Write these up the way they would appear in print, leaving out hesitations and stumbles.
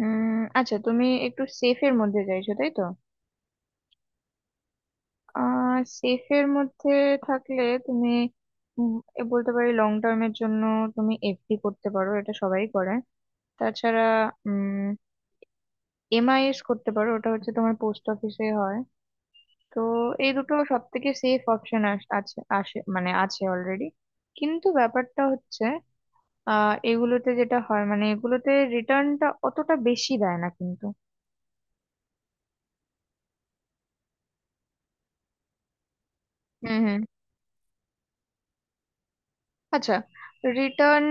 আচ্ছা, তুমি একটু সেফের মধ্যে চাইছো, তাই তো? সেফের মধ্যে থাকলে তুমি উম, এ বলতে পারি, লং টার্মের জন্য তুমি এফডি করতে পারো, এটা সবাই করে। তাছাড়া উম এমআইএস করতে পারো, ওটা হচ্ছে তোমার পোস্ট অফিসে হয়। তো এই দুটো সব থেকে সেফ অপশন আছে, আসে মানে আছে অলরেডি। কিন্তু ব্যাপারটা হচ্ছে, এগুলোতে যেটা হয়, মানে এগুলোতে রিটার্নটা অতটা বেশি দেয় না কিন্তু। হুম, হুম। আচ্ছা, রিটার্ন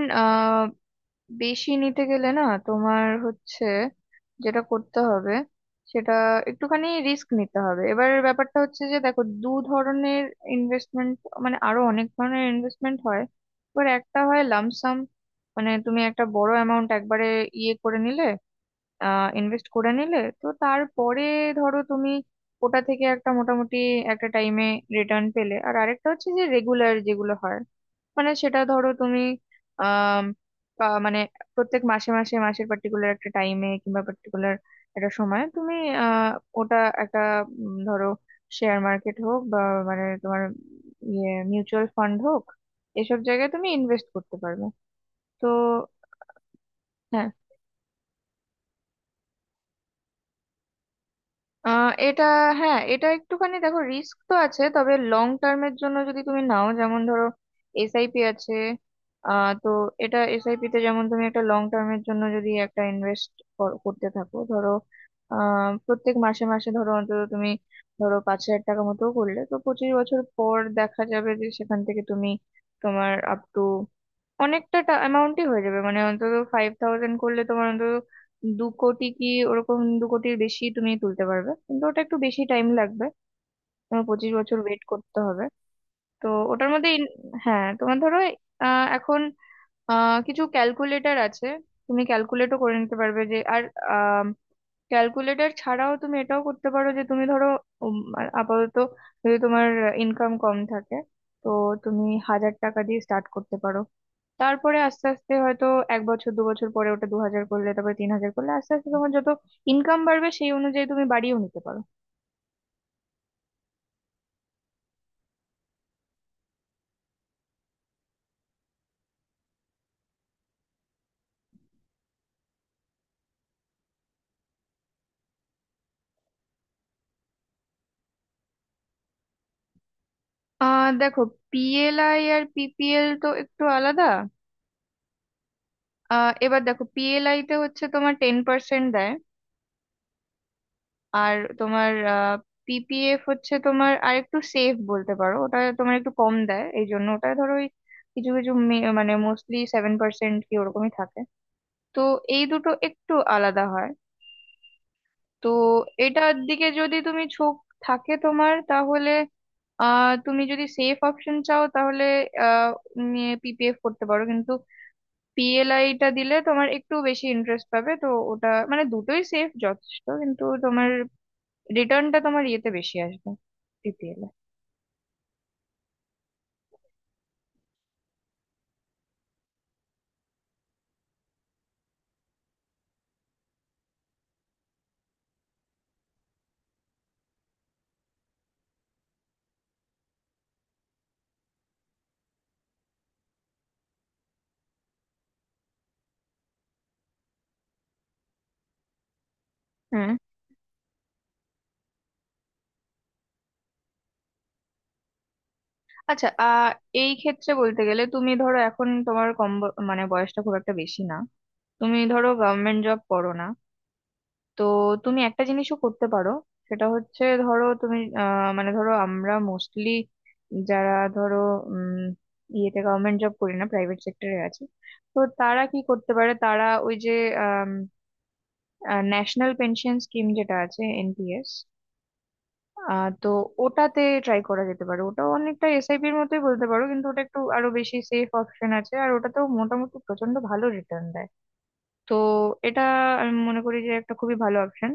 বেশি নিতে গেলে না, তোমার হচ্ছে যেটা করতে হবে, সেটা একটুখানি রিস্ক নিতে হবে। এবার ব্যাপারটা হচ্ছে যে দেখো, দু ধরনের ইনভেস্টমেন্ট, মানে আরো অনেক ধরনের ইনভেস্টমেন্ট হয়। এবার একটা হয় লামসাম, মানে তুমি একটা বড় অ্যামাউন্ট একবারে ইয়ে করে নিলে, ইনভেস্ট করে নিলে, তো তারপরে ধরো তুমি ওটা থেকে একটা মোটামুটি একটা টাইমে রিটার্ন পেলে। আর আরেকটা হচ্ছে যে রেগুলার যেগুলো হয়, মানে সেটা ধরো তুমি আম, মানে প্রত্যেক মাসে মাসে মাসের পার্টিকুলার একটা টাইমে কিংবা পার্টিকুলার একটা সময় তুমি আহ, ওটা একটা ধরো শেয়ার মার্কেট হোক বা মানে তোমার ইয়ে মিউচুয়াল ফান্ড হোক, এসব জায়গায় তুমি ইনভেস্ট করতে পারবে তো। হ্যাঁ। এটা, হ্যাঁ, এটা একটুখানি দেখো, রিস্ক তো আছে, তবে লং টার্মের জন্য যদি তুমি নাও, যেমন ধরো এসআইপি আছে। তো এটা এসআইপি তে যেমন তুমি একটা লং টার্মের জন্য যদি একটা ইনভেস্ট করতে থাকো ধরো, প্রত্যেক মাসে মাসে ধরো অন্তত তুমি ধরো 5,000 টাকা মতো করলে, তো 25 বছর পর দেখা যাবে যে সেখান থেকে তুমি তোমার আপ টু অনেকটা অ্যামাউন্টই হয়ে যাবে, মানে অন্তত 5,000 করলে তোমার অন্তত 2 কোটি কি ওরকম 2 কোটির বেশি তুমি তুলতে পারবে, কিন্তু ওটা একটু বেশি টাইম লাগবে, তোমার 25 বছর ওয়েট করতে হবে। তো ওটার মধ্যে হ্যাঁ, তোমার ধরো এখন কিছু ক্যালকুলেটর আছে, তুমি ক্যালকুলেটও করে নিতে পারবে যে। আর ক্যালকুলেটর ছাড়াও তুমি এটাও করতে পারো যে তুমি ধরো আপাতত যদি তোমার ইনকাম কম থাকে, তো তুমি 1,000 টাকা দিয়ে স্টার্ট করতে পারো, তারপরে আস্তে আস্তে হয়তো এক বছর দু বছর পরে ওটা 2,000 করলে, তারপরে 3,000 করলে, আস্তে আস্তে তোমার যত ইনকাম বাড়বে সেই অনুযায়ী তুমি বাড়িয়েও নিতে পারো। দেখো, পিএলআই আর পিপিএল তো একটু আলাদা। এবার দেখো, পিএলআই তে হচ্ছে তোমার 10% দেয়। আর তোমার পিপিএফ হচ্ছে তোমার আর একটু সেফ বলতে পারো, ওটা তোমার একটু কম দেয়, এই জন্য ওটা ধরো ওই কিছু কিছু মানে মোস্টলি 7% কি ওরকমই থাকে। তো এই দুটো একটু আলাদা হয়। তো এটার দিকে যদি তুমি ঝোঁক থাকে তোমার, তাহলে তুমি যদি সেফ অপশন চাও, তাহলে আহ পিপিএফ করতে পারো, কিন্তু পিএলআইটা দিলে তোমার একটু বেশি ইন্টারেস্ট পাবে, তো ওটা মানে দুটোই সেফ যথেষ্ট, কিন্তু তোমার রিটার্নটা তোমার ইয়েতে বেশি আসবে, পিপিএল এ। হুম। আচ্ছা, এই ক্ষেত্রে বলতে গেলে তুমি ধরো, এখন তোমার কম মানে বয়সটা খুব একটা বেশি না, তুমি ধরো গভর্নমেন্ট জব করো না, তো তুমি একটা জিনিসও করতে পারো, সেটা হচ্ছে ধরো তুমি মানে ধরো আমরা মোস্টলি যারা ধরো উম ইয়েতে গভর্নমেন্ট জব করি না, প্রাইভেট সেক্টরে আছে, তো তারা কি করতে পারে, তারা ওই যে ন্যাশনাল পেনশন স্কিম যেটা আছে, এনপিএস। তো ওটাতে ট্রাই করা যেতে পারে, ওটাও অনেকটা এসআইপি এর মতোই বলতে পারো, কিন্তু ওটা একটু আরো বেশি সেফ অপশন আছে, আর ওটাতেও মোটামুটি প্রচন্ড ভালো রিটার্ন দেয়। তো এটা আমি মনে করি যে একটা খুবই ভালো অপশন।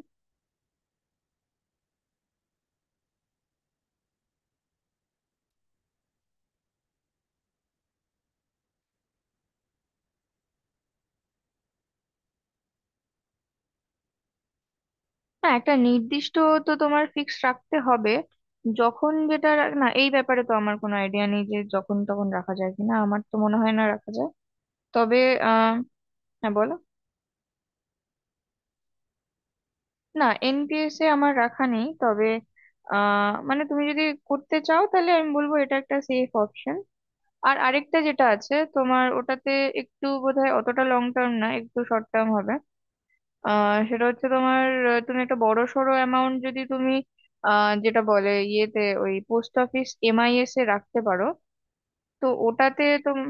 না, একটা নির্দিষ্ট, তো তোমার ফিক্স রাখতে হবে, যখন যেটা না, এই ব্যাপারে তো আমার কোনো আইডিয়া নেই যে যখন তখন রাখা যায় কিনা, আমার তো মনে হয় না রাখা যায়। তবে, আহ হ্যাঁ বলো। না, এনপিএস এ আমার রাখা নেই, তবে মানে তুমি যদি করতে চাও তাহলে আমি বলবো এটা একটা সেফ অপশন। আর আরেকটা যেটা আছে তোমার, ওটাতে একটু বোধহয় অতটা লং টার্ম না, একটু শর্ট টার্ম হবে। সেটা হচ্ছে তোমার, তুমি একটা বড় সড়ো অ্যামাউন্ট যদি তুমি, যেটা বলে ইয়েতে ওই পোস্ট অফিস এমআইএস এ রাখতে পারো, তো ওটাতে তুমি।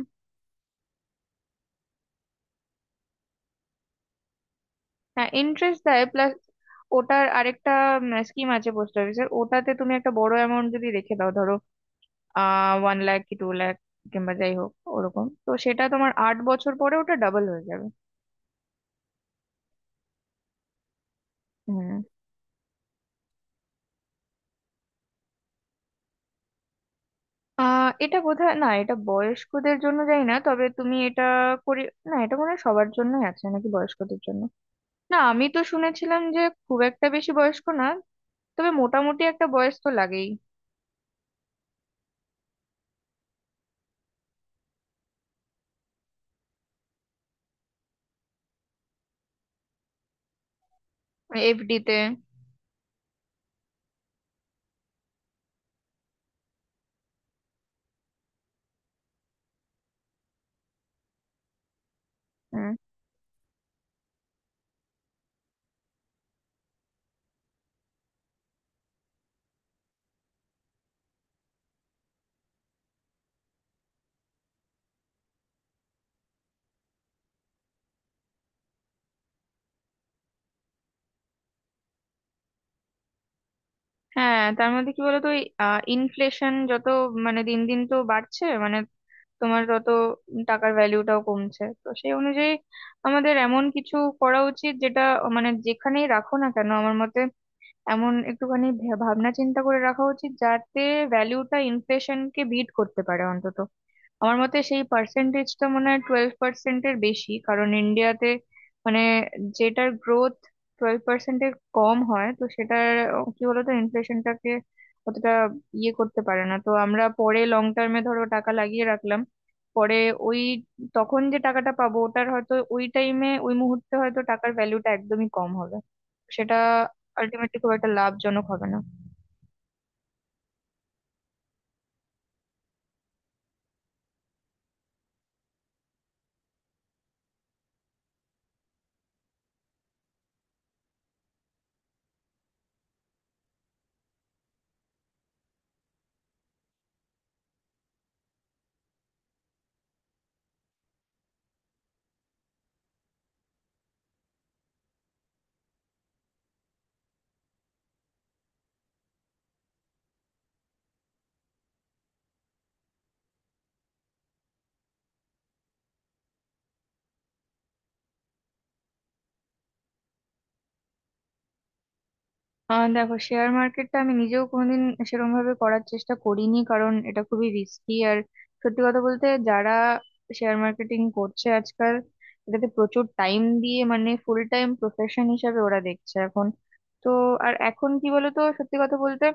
হ্যাঁ, ইন্টারেস্ট দেয় প্লাস ওটার আরেকটা স্কিম আছে পোস্ট অফিসের, ওটাতে তুমি একটা বড় অ্যামাউন্ট যদি রেখে দাও, ধরো 1 লাখ কি 2 লাখ, কিংবা যাই হোক ওরকম, তো সেটা তোমার 8 বছর পরে ওটা ডাবল হয়ে যাবে। হুম। এটা বোধহয় না, এটা বয়স্কদের জন্য যাই না, তবে তুমি এটা করি, না এটা মনে হয় সবার জন্যই আছে নাকি বয়স্কদের জন্য, না আমি তো শুনেছিলাম যে খুব একটা বেশি বয়স্ক না, তবে মোটামুটি একটা বয়স তো লাগেই। এফডি তে। হুম, হ্যাঁ, তার মধ্যে কি বলতো, ইনফ্লেশন যত মানে দিন দিন তো বাড়ছে, মানে তোমার তত টাকার ভ্যালুটাও কমছে, তো সেই অনুযায়ী আমাদের এমন কিছু করা উচিত যেটা, মানে যেখানেই রাখো না কেন, আমার মতে এমন একটুখানি ভাবনা চিন্তা করে রাখা উচিত যাতে ভ্যালুটা ইনফ্লেশনকে বিট করতে পারে অন্তত। আমার মতে সেই পার্সেন্টেজটা মনে হয় 12%-এর বেশি, কারণ ইন্ডিয়াতে মানে যেটার গ্রোথ 12%-এর কম হয়, তো সেটার কি বলতো, ইনফ্লেশনটাকে অতটা ইয়ে করতে পারে না, তো আমরা পরে লং টার্মে ধরো টাকা লাগিয়ে রাখলাম, পরে ওই তখন যে টাকাটা পাবো ওটার হয়তো ওই টাইমে ওই মুহূর্তে হয়তো টাকার ভ্যালুটা একদমই কম হবে, সেটা আলটিমেটলি খুব একটা লাভজনক হবে না। দেখো, শেয়ার মার্কেটটা আমি নিজেও কোনোদিন সেরকম ভাবে করার চেষ্টা করিনি, কারণ এটা খুবই রিস্কি। আর সত্যি কথা বলতে, যারা শেয়ার মার্কেটিং করছে আজকাল, এটাতে প্রচুর টাইম দিয়ে মানে ফুল টাইম প্রফেশন হিসাবে ওরা দেখছে এখন, তো। আর এখন কি বলতো, সত্যি কথা বলতে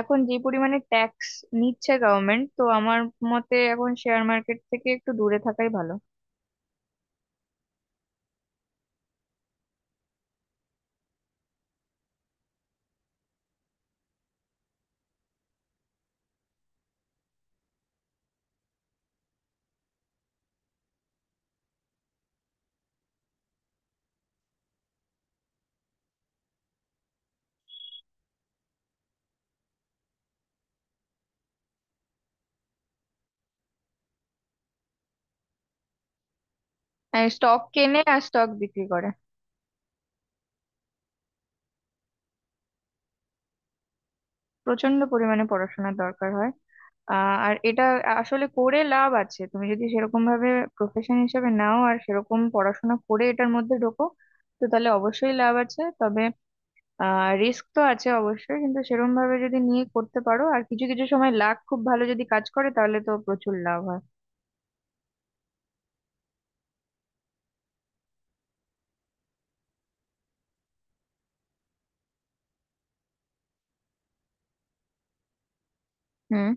এখন যে পরিমাণে ট্যাক্স নিচ্ছে গভর্নমেন্ট, তো আমার মতে এখন শেয়ার মার্কেট থেকে একটু দূরে থাকাই ভালো। স্টক কেনে আর স্টক বিক্রি করে। প্রচন্ড পরিমাণে পড়াশোনার দরকার হয়। আর এটা আসলে করে লাভ আছে, তুমি যদি সেরকম ভাবে প্রফেশন হিসেবে নাও আর সেরকম পড়াশোনা করে এটার মধ্যে ঢোকো, তো তাহলে অবশ্যই লাভ আছে। তবে রিস্ক তো আছে অবশ্যই, কিন্তু সেরকম ভাবে যদি নিয়ে করতে পারো আর কিছু কিছু সময় লাক খুব ভালো যদি কাজ করে তাহলে তো প্রচুর লাভ হয়। হুম,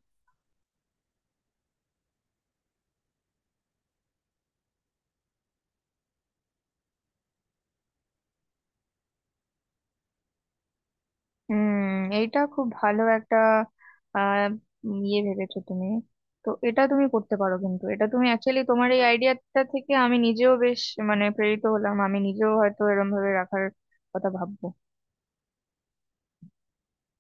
হুম। এইটা খুব ভালো একটা আহ ইয়ে ভেবেছো তুমি, তো এটা তুমি করতে পারো, কিন্তু এটা তুমি অ্যাকচুয়ালি তোমার এই আইডিয়াটা থেকে আমি নিজেও বেশ, মানে প্রেরিত হলাম, আমি নিজেও হয়তো এরম ভাবে রাখার কথা ভাববো।